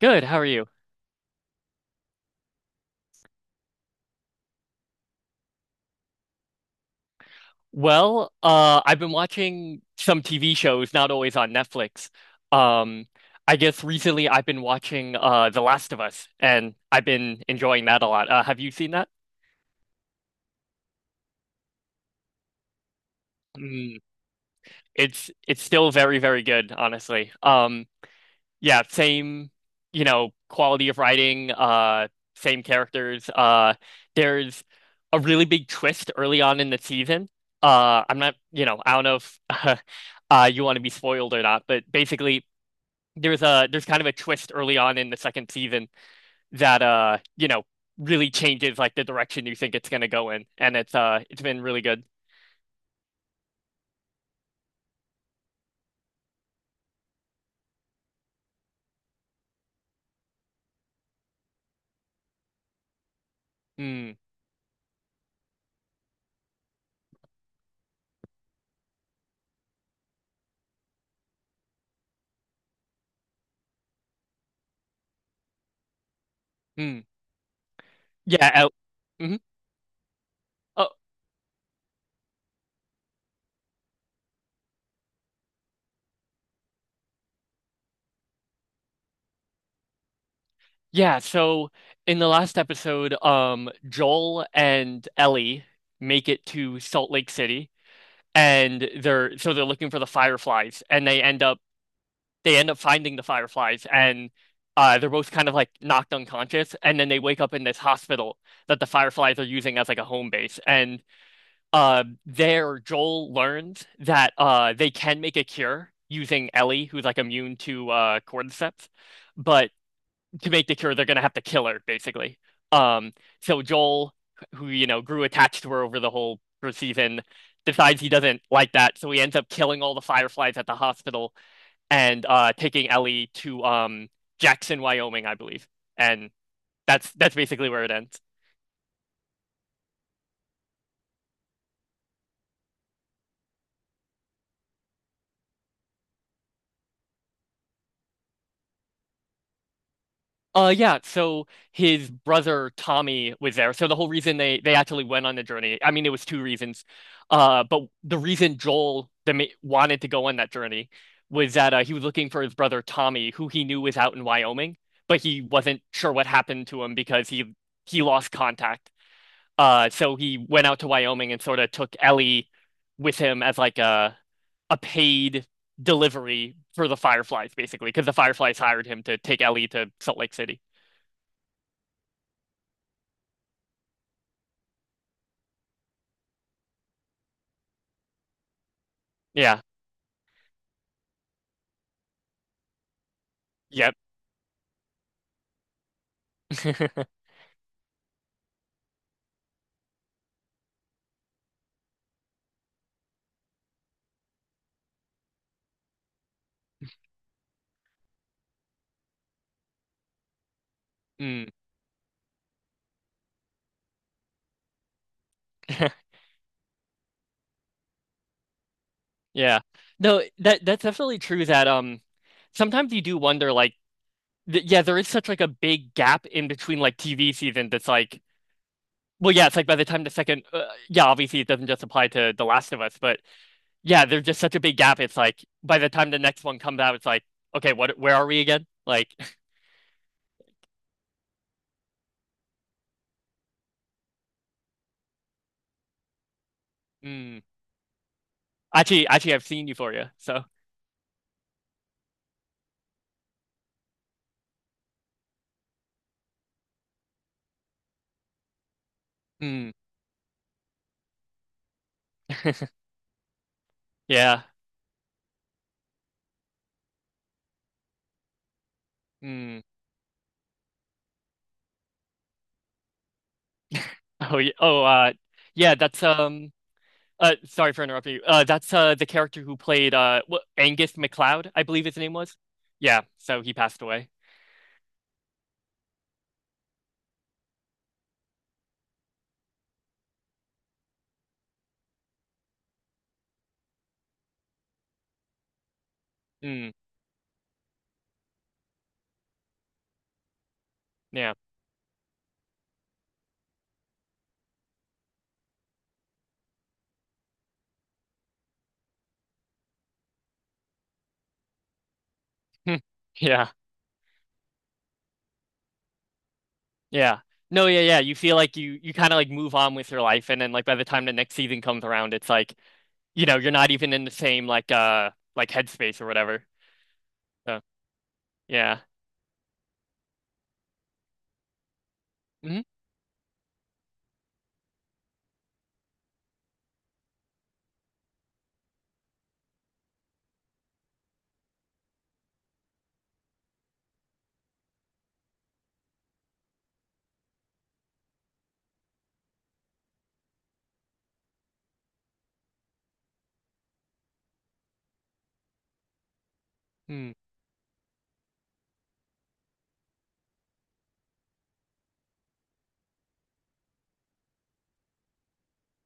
Good, how are you? Well, I've been watching some TV shows, not always on Netflix. Um, I guess recently I've been watching The Last of Us, and I've been enjoying that a lot. Have you seen that? Mm, it's still very, very good, honestly. Yeah, same, you know, quality of writing, same characters. There's a really big twist early on in the season. I'm not, you know, I don't know if you want to be spoiled or not, but basically there's kind of a twist early on in the second season that you know, really changes like the direction you think it's gonna go in, and it's been really good. Mm, mm. Yeah. Mhm. Oh, yeah, so in the last episode, Joel and Ellie make it to Salt Lake City and they're looking for the fireflies and they end up finding the fireflies, and they're both kind of like knocked unconscious and then they wake up in this hospital that the fireflies are using as like a home base and there Joel learns that they can make a cure using Ellie, who's like immune to cordyceps, but to make the cure, they're gonna have to kill her, basically. Um, so Joel, who you know grew attached to her over the whole season, decides he doesn't like that, so he ends up killing all the Fireflies at the hospital and taking Ellie to Jackson, Wyoming, I believe, and that's basically where it ends. Yeah, so his brother Tommy was there. So the whole reason they actually went on the journey, I mean, it was two reasons. But the reason Joel the ma wanted to go on that journey was that he was looking for his brother Tommy, who he knew was out in Wyoming, but he wasn't sure what happened to him because he lost contact. So he went out to Wyoming and sort of took Ellie with him as like a paid delivery for the Fireflies, basically, because the Fireflies hired him to take Ellie to Salt Lake City. Yeah. Yep. Mm. Yeah. No, that's definitely true that sometimes you do wonder like th yeah, there is such like a big gap in between like TV season that's like well, it's like by the time the second yeah, obviously it doesn't just apply to The Last of Us, but yeah, there's just such a big gap. It's like by the time the next one comes out, it's like okay, what where are we again? Like mm. Actually, I've seen Euphoria. So, mm. Yeah. Mm. Oh, yeah, that's uh, sorry for interrupting you. That's the character who played Angus MacLeod, I believe his name was. Yeah, so he passed away. Mm, yeah. Hmm. Yeah. Yeah. No, yeah, yeah. You feel like you kind of like move on with your life, and then like by the time the next season comes around, it's like you know you're not even in the same like headspace or whatever. So yeah. Hmm. Hmm.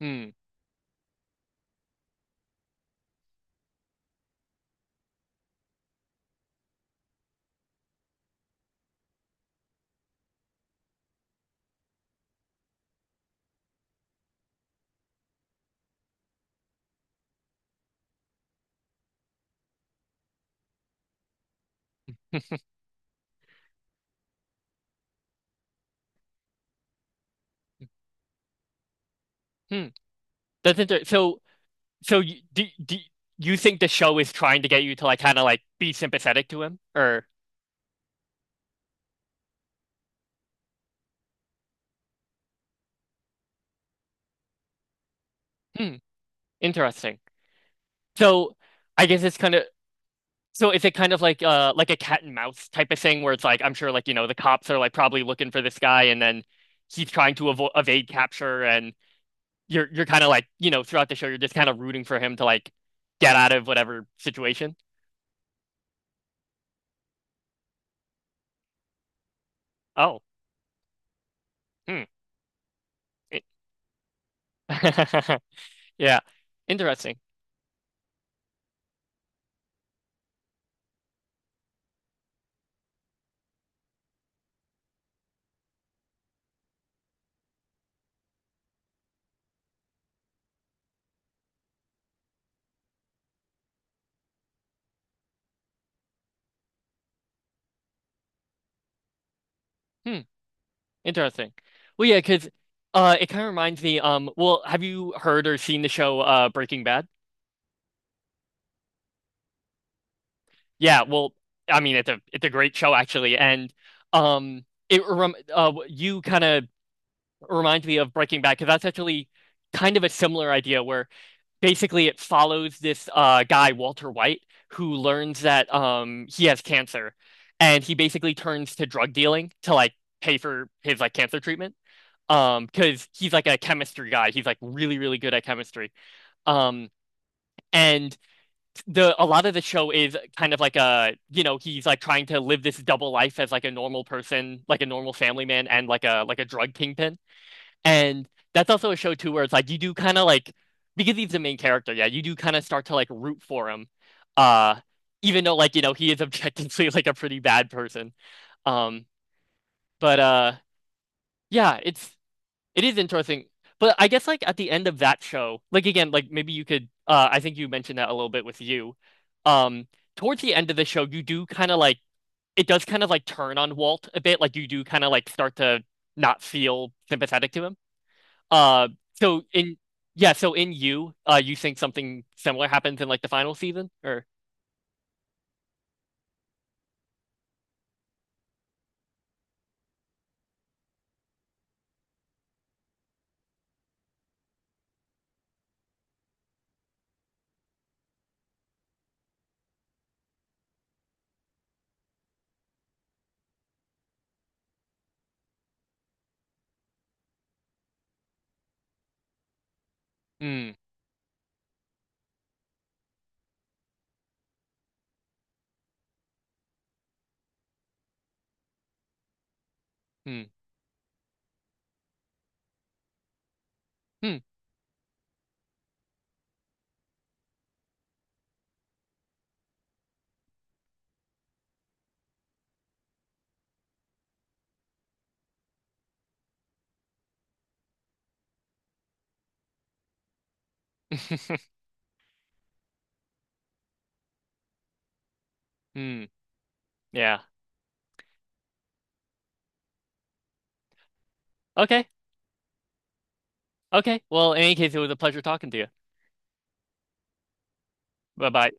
Hmm. Hmm. That's inter So do you think the show is trying to get you to like kind of like be sympathetic to him or hmm. Interesting. So I guess it's kind of is it kind of like a cat and mouse type of thing where it's like I'm sure like you know the cops are like probably looking for this guy, and then he's trying to avo evade capture, and you're kind of like you know throughout the show you're just kind of rooting for him to like get out of whatever situation. Oh, hmm. It- Yeah. Interesting. Hmm. Interesting. Well, yeah, because it kind of reminds me well have you heard or seen the show Breaking Bad? Yeah, well, I mean, it's a great show actually, and it rem you kind of remind me of Breaking Bad because that's actually kind of a similar idea where basically it follows this guy Walter White, who learns that he has cancer, and he basically turns to drug dealing to like pay for his like cancer treatment. Because he's like a chemistry guy. He's like really, really good at chemistry. Um, and the a lot of the show is kind of like a you know he's like trying to live this double life as like a normal person like a normal family man and like a drug kingpin, and that's also a show too where it's like you do kind of like because he's the main character yeah you do kind of start to like root for him uh even though like you know he is objectively like a pretty bad person, um but yeah it is interesting. But I guess like at the end of that show, like again, like maybe you could I think you mentioned that a little bit with you. Um Towards the end of the show, you do kind of like it does kind of like turn on Walt a bit, like you do kind of like start to not feel sympathetic to him. Uh so in Yeah, so in you, you think something similar happens in like the final season or hmm hmm hmm hmm yeah. Okay. Okay. Well, in any case, it was a pleasure talking to you. Bye-bye.